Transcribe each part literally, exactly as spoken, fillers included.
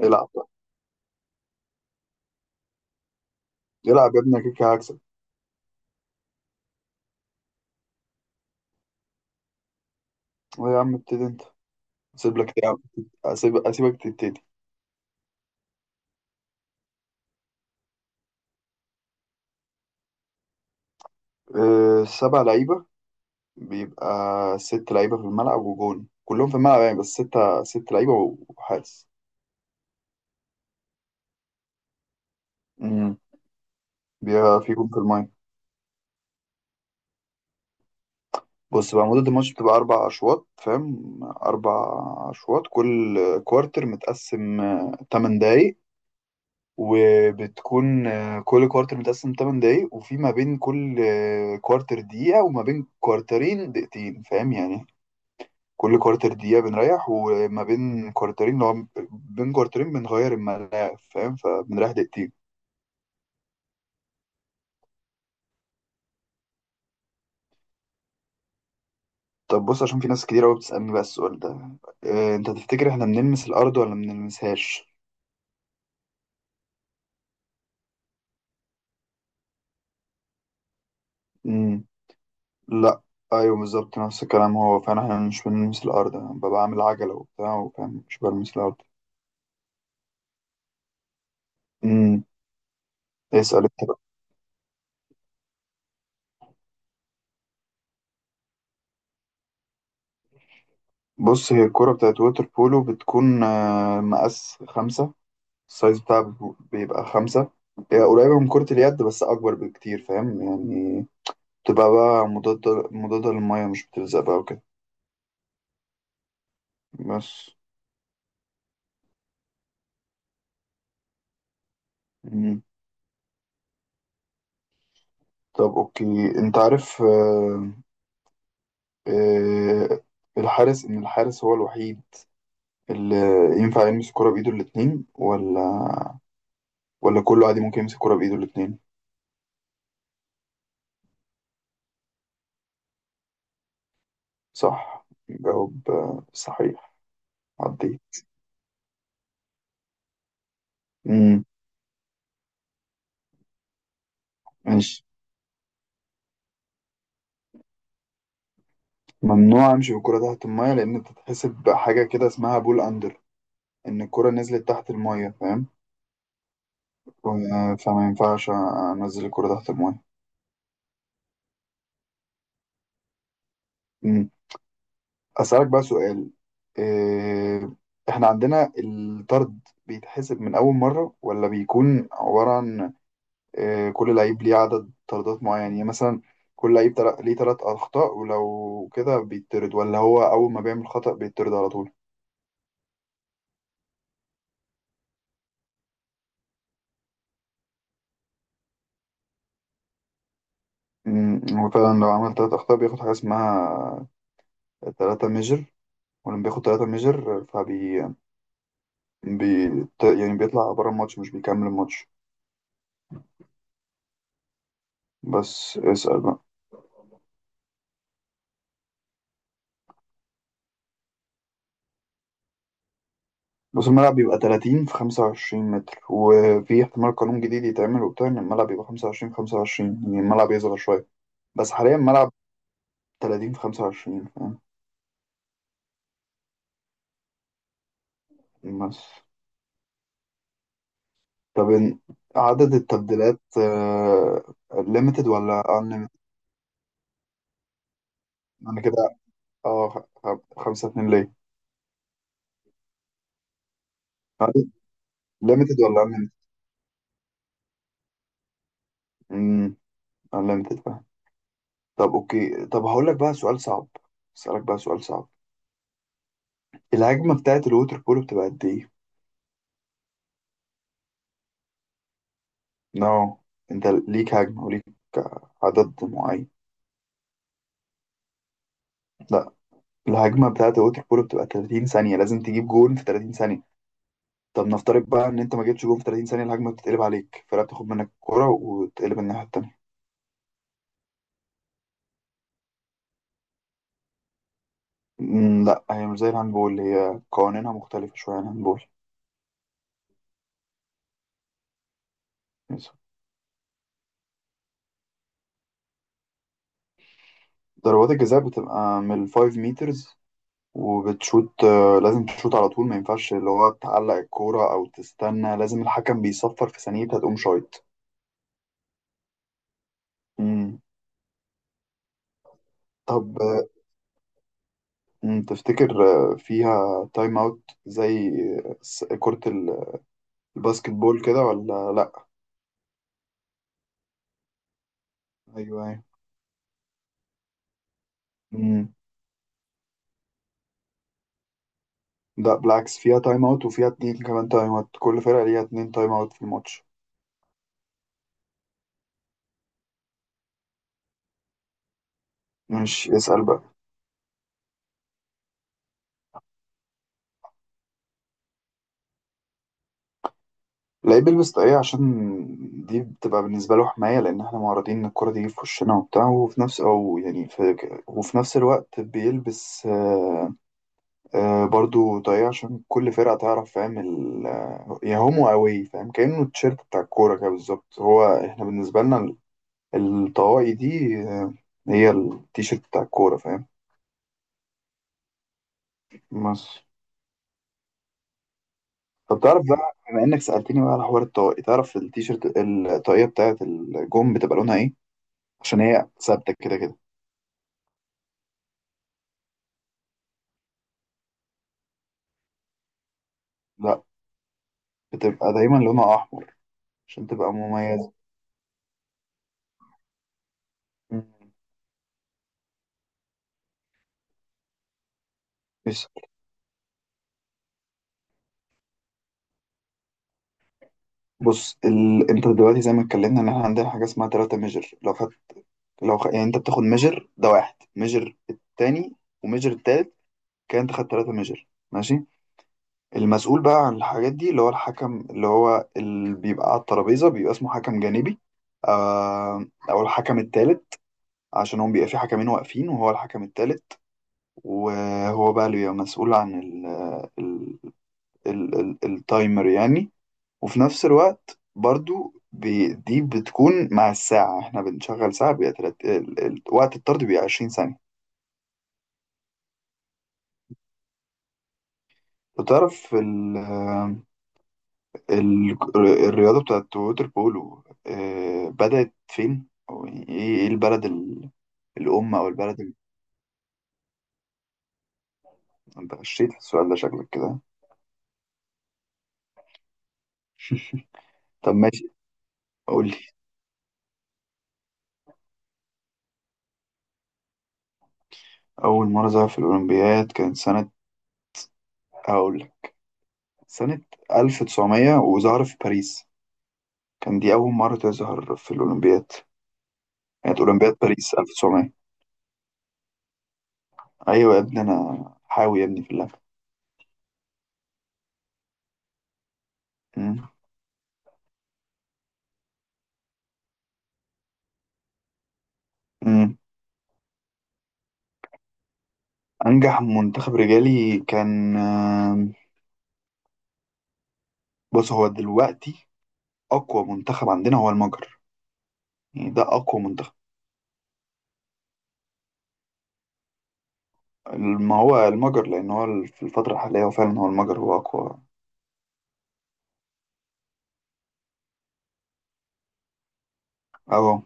العب بقى. العب يا ابني، أنا كده كده هكسب. أه يا عم، ابتدي انت. اسيب لك تلعب، اسيب اسيبك تبتدي. أه، سبع لعيبه. بيبقى ست لعيبه في الملعب وجون كلهم في الملعب، يعني بس ستة ست لعيبه وحارس. امم. بيبقى في جون في المايه. بص بقى، مدة الماتش بتبقى أربع أشواط، فاهم؟ أربع أشواط، كل كوارتر متقسم تمن دقايق، وبتكون آه، كل كوارتر متقسم تمن دقايق، وفي ما بين كل آه، كوارتر دقيقة، وما بين كوارترين دقيقتين، فاهم يعني؟ كل كوارتر دقيقة بنريح، وما بين كوارترين، لو بين كوارترين بنغير الملاعب، فاهم؟ فبنريح دقيقتين. طب بص، عشان في ناس كتير قوي بتسألني بقى السؤال ده: آه، انت تفتكر احنا بنلمس الأرض ولا ما بنلمسهاش؟ مم. لا. ايوه بالظبط نفس الكلام، هو فعلا احنا مش بنلمس الأرض، انا ببقى عامل عجلة وبتاع وفاهم مش بلمس الأرض. امم. اسأل. بص، هي الكرة بتاعت ووتر بولو بتكون آه، مقاس خمسة. السايز بتاعها بيبقى بيبقى خمسة. هي قريبة من كرة اليد بس أكبر بكتير، فاهم يعني؟ بتبقى بقى مضادة مضادة للمية، مش بتلزق بقى وكده. بس. مم. طب أوكي، أنت عارف آه، آه، الحارس إن الحارس هو الوحيد اللي ينفع يمسك الكرة بإيده الاتنين، ولا ولا كله عادي ممكن يمسك الكرة بإيده الاتنين؟ صح، جواب آه، صحيح. عدي. مم. ماشي، ممنوع امشي بالكرة تحت المية لان بتتحسب حاجة كده اسمها بول اندر، ان الكرة نزلت تحت المية، فاهم؟ و- فما ينفعش انزل الكرة تحت المية. مم. اسألك بقى سؤال: إيه، احنا عندنا الطرد بيتحسب من اول مرة، ولا بيكون عبارة عن إيه، كل لعيب ليه عدد طردات معين؟ يعني مثلا كل لعيب تلا- ليه ثلاث اخطاء ولو كده بيتطرد، ولا هو اول ما بيعمل خطأ بيتطرد على طول؟ مم، هو فعلا لو عمل ثلاث أخطاء بياخد حاجة اسمها تلاتة ميجر، ولما بياخد تلاتة ميجر فبي بي... ت- يعني بيطلع بره الماتش، مش بيكمل الماتش. بس اسأل بقى. بس الملعب بيبقى تلاتين في خمسة وعشرين متر، وفي احتمال قانون جديد يتعمل وبتاع ان الملعب يبقى خمسة وعشرين في خمسة وعشرين، يعني الملعب يصغر شوية. بس حاليا الملعب تلاتين في خمسة وعشرين، فاهم؟ بس. طب إن- عدد التبديلات ليميتد ولا unlimited؟ انا كده، اه خ- خ- خمسة اتنين ليه؟ ليميتد ولا unlimited؟ امم. unlimited. طب اوكي، طب هقول لك بقى سؤال صعب، اسالك بقى سؤال صعب. الهجمه بتاعت الووتر بولو بتبقى قد ايه؟ نو، انت ليك هجمه وليك عدد معين. لا، الهجمه بتاعت الووتر بولو بتبقى ثلاثين ثانيه، لازم تجيب جون في تلاتين ثانيه. طب نفترض بقى ان انت ما جبتش جون في تلاتين ثانيه، الهجمه بتتقلب عليك، الفرقه بتاخد منك الكوره وتقلب الناحيه التانيه. مم، لا هي مش زي الهاندبول، هي قوانينها مختلفه شويه عن الهاندبول. بس. ضربات الجزاء بتبقى من ال خمس متر، وبتشوت آه، لازم تشوت على طول، ما ينفعش اللي هو تعلق الكورة أو تستنى، لازم الحكم بيصفر في ثانيتها تقوم شايط. مم. طب آه، مم، تفتكر آه، فيها تايم أوت زي س- كرة ال- الباسكت بول كده ولا لأ؟ أيوه أيوه. مم. لا بالعكس، فيها تايم أوت، وفيها اتنين كمان تايم أوت، كل فرقة ليها اتنين تايم أوت في الماتش. ماشي، اسأل بقى. اللعيب بيلبس طاقية عشان دي بتبقى بالنسبة له حماية، لأن احنا معرضين إن الكرة تيجي في وشنا وبتاع، وفي نفس أو يعني في وفي نفس الوقت بيلبس آه، آه، برضو طاقية عشان كل فرقة تعرف، فاهم ال- آه، يا هومو أوي، فاهم؟ كأنه التيشيرت بتاع الكورة كده بالظبط، هو احنا بالنسبة لنا ال- الطواقي دي آه، هي التيشيرت بتاع الكورة، فاهم؟ بس. طب تعرف بقى، بما إنك سألتني بقى على حوار الطواقي، تعرف التيشيرت الطاقية بتاعت الجون بتبقى لونها إيه؟ عشان هي ثابتة كده كده. لا، بتبقى دايما لونها احمر عشان تبقى مميزه. مم. بس. بص ال... انت دلوقتي زي ما اتكلمنا ان احنا عندنا حاجه اسمها تلاتة ميجر، لو خد... لو خ... يعني انت بتاخد ميجر ده واحد، ميجر التاني، وميجر التالت، كان انت خدت تلاتة ميجر، ماشي. المسؤول بقى عن الحاجات دي اللي هو الحكم اللي هو اللي بيبقى على الترابيزه، بيبقى اسمه حكم جانبي آه... او الحكم التالت، عشان هم بيبقى في حكمين واقفين وهو الحكم التالت، وهو بقى اللي بيبقى مسؤول عن ال... ال- ال- التايمر يعني. وفي نفس الوقت برضو بي- دي بتكون مع الساعة، احنا بنشغل ساعة، بيبقى تلات- ال- ال- وقت الطرد بيبقى عشرين ثانية. وتعرف ال ال الرياضة بتاعت ووتر بولو آه، بدأت فين؟ أو يعني ايه إيه البلد ال- الأم أو البلد ال- انت غشيت في السؤال ده شكلك كده. طب ماشي. قول لي. أول مرة ظهر في الأولمبياد كانت سنة، أقول لك، سنة ألف وتسعمائة، وظهر في باريس، كان دي أول مرة تظهر في الأولمبياد، كانت أولمبياد باريس ألف وتسعمية. أيوة يا ابني، أنا حاوي يا ابني في اللعبة. مم. مم. أنجح منتخب رجالي كان آم، بص هو دلوقتي أقوى منتخب عندنا هو المجر، يعني ده أقوى منتخب. ما هو المجر، لأن هو ال- في الفترة الحالية هو فعلا هو المجر هو أقوى. أهو.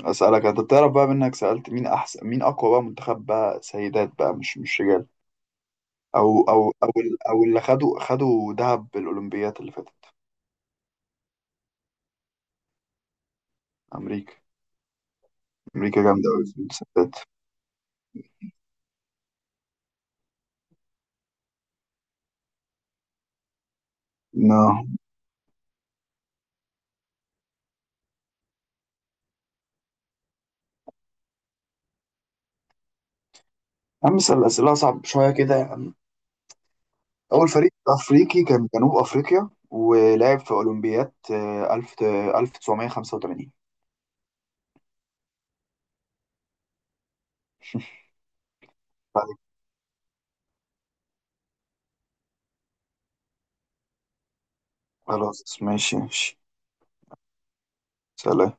أسألك أنت، بتعرف بقى منك سألت مين أحسن، مين أقوى بقى منتخب بقى سيدات بقى، مش مش رجال؟ أو أو أو ال- أو اللي خدوا خدوا دهب بالأولمبياد اللي فاتت؟ أمريكا. أمريكا جامدة أوي في الستات. نا يا عم، اسأل أسئلة أصعب شوية كده يا عم. أول فريق أفريقي كان جنوب أفريقيا، ولعب في أولمبياد ألف آه، ألف تسعمية خمسة وتمانين. خلاص، ماشي ماشي. سلام.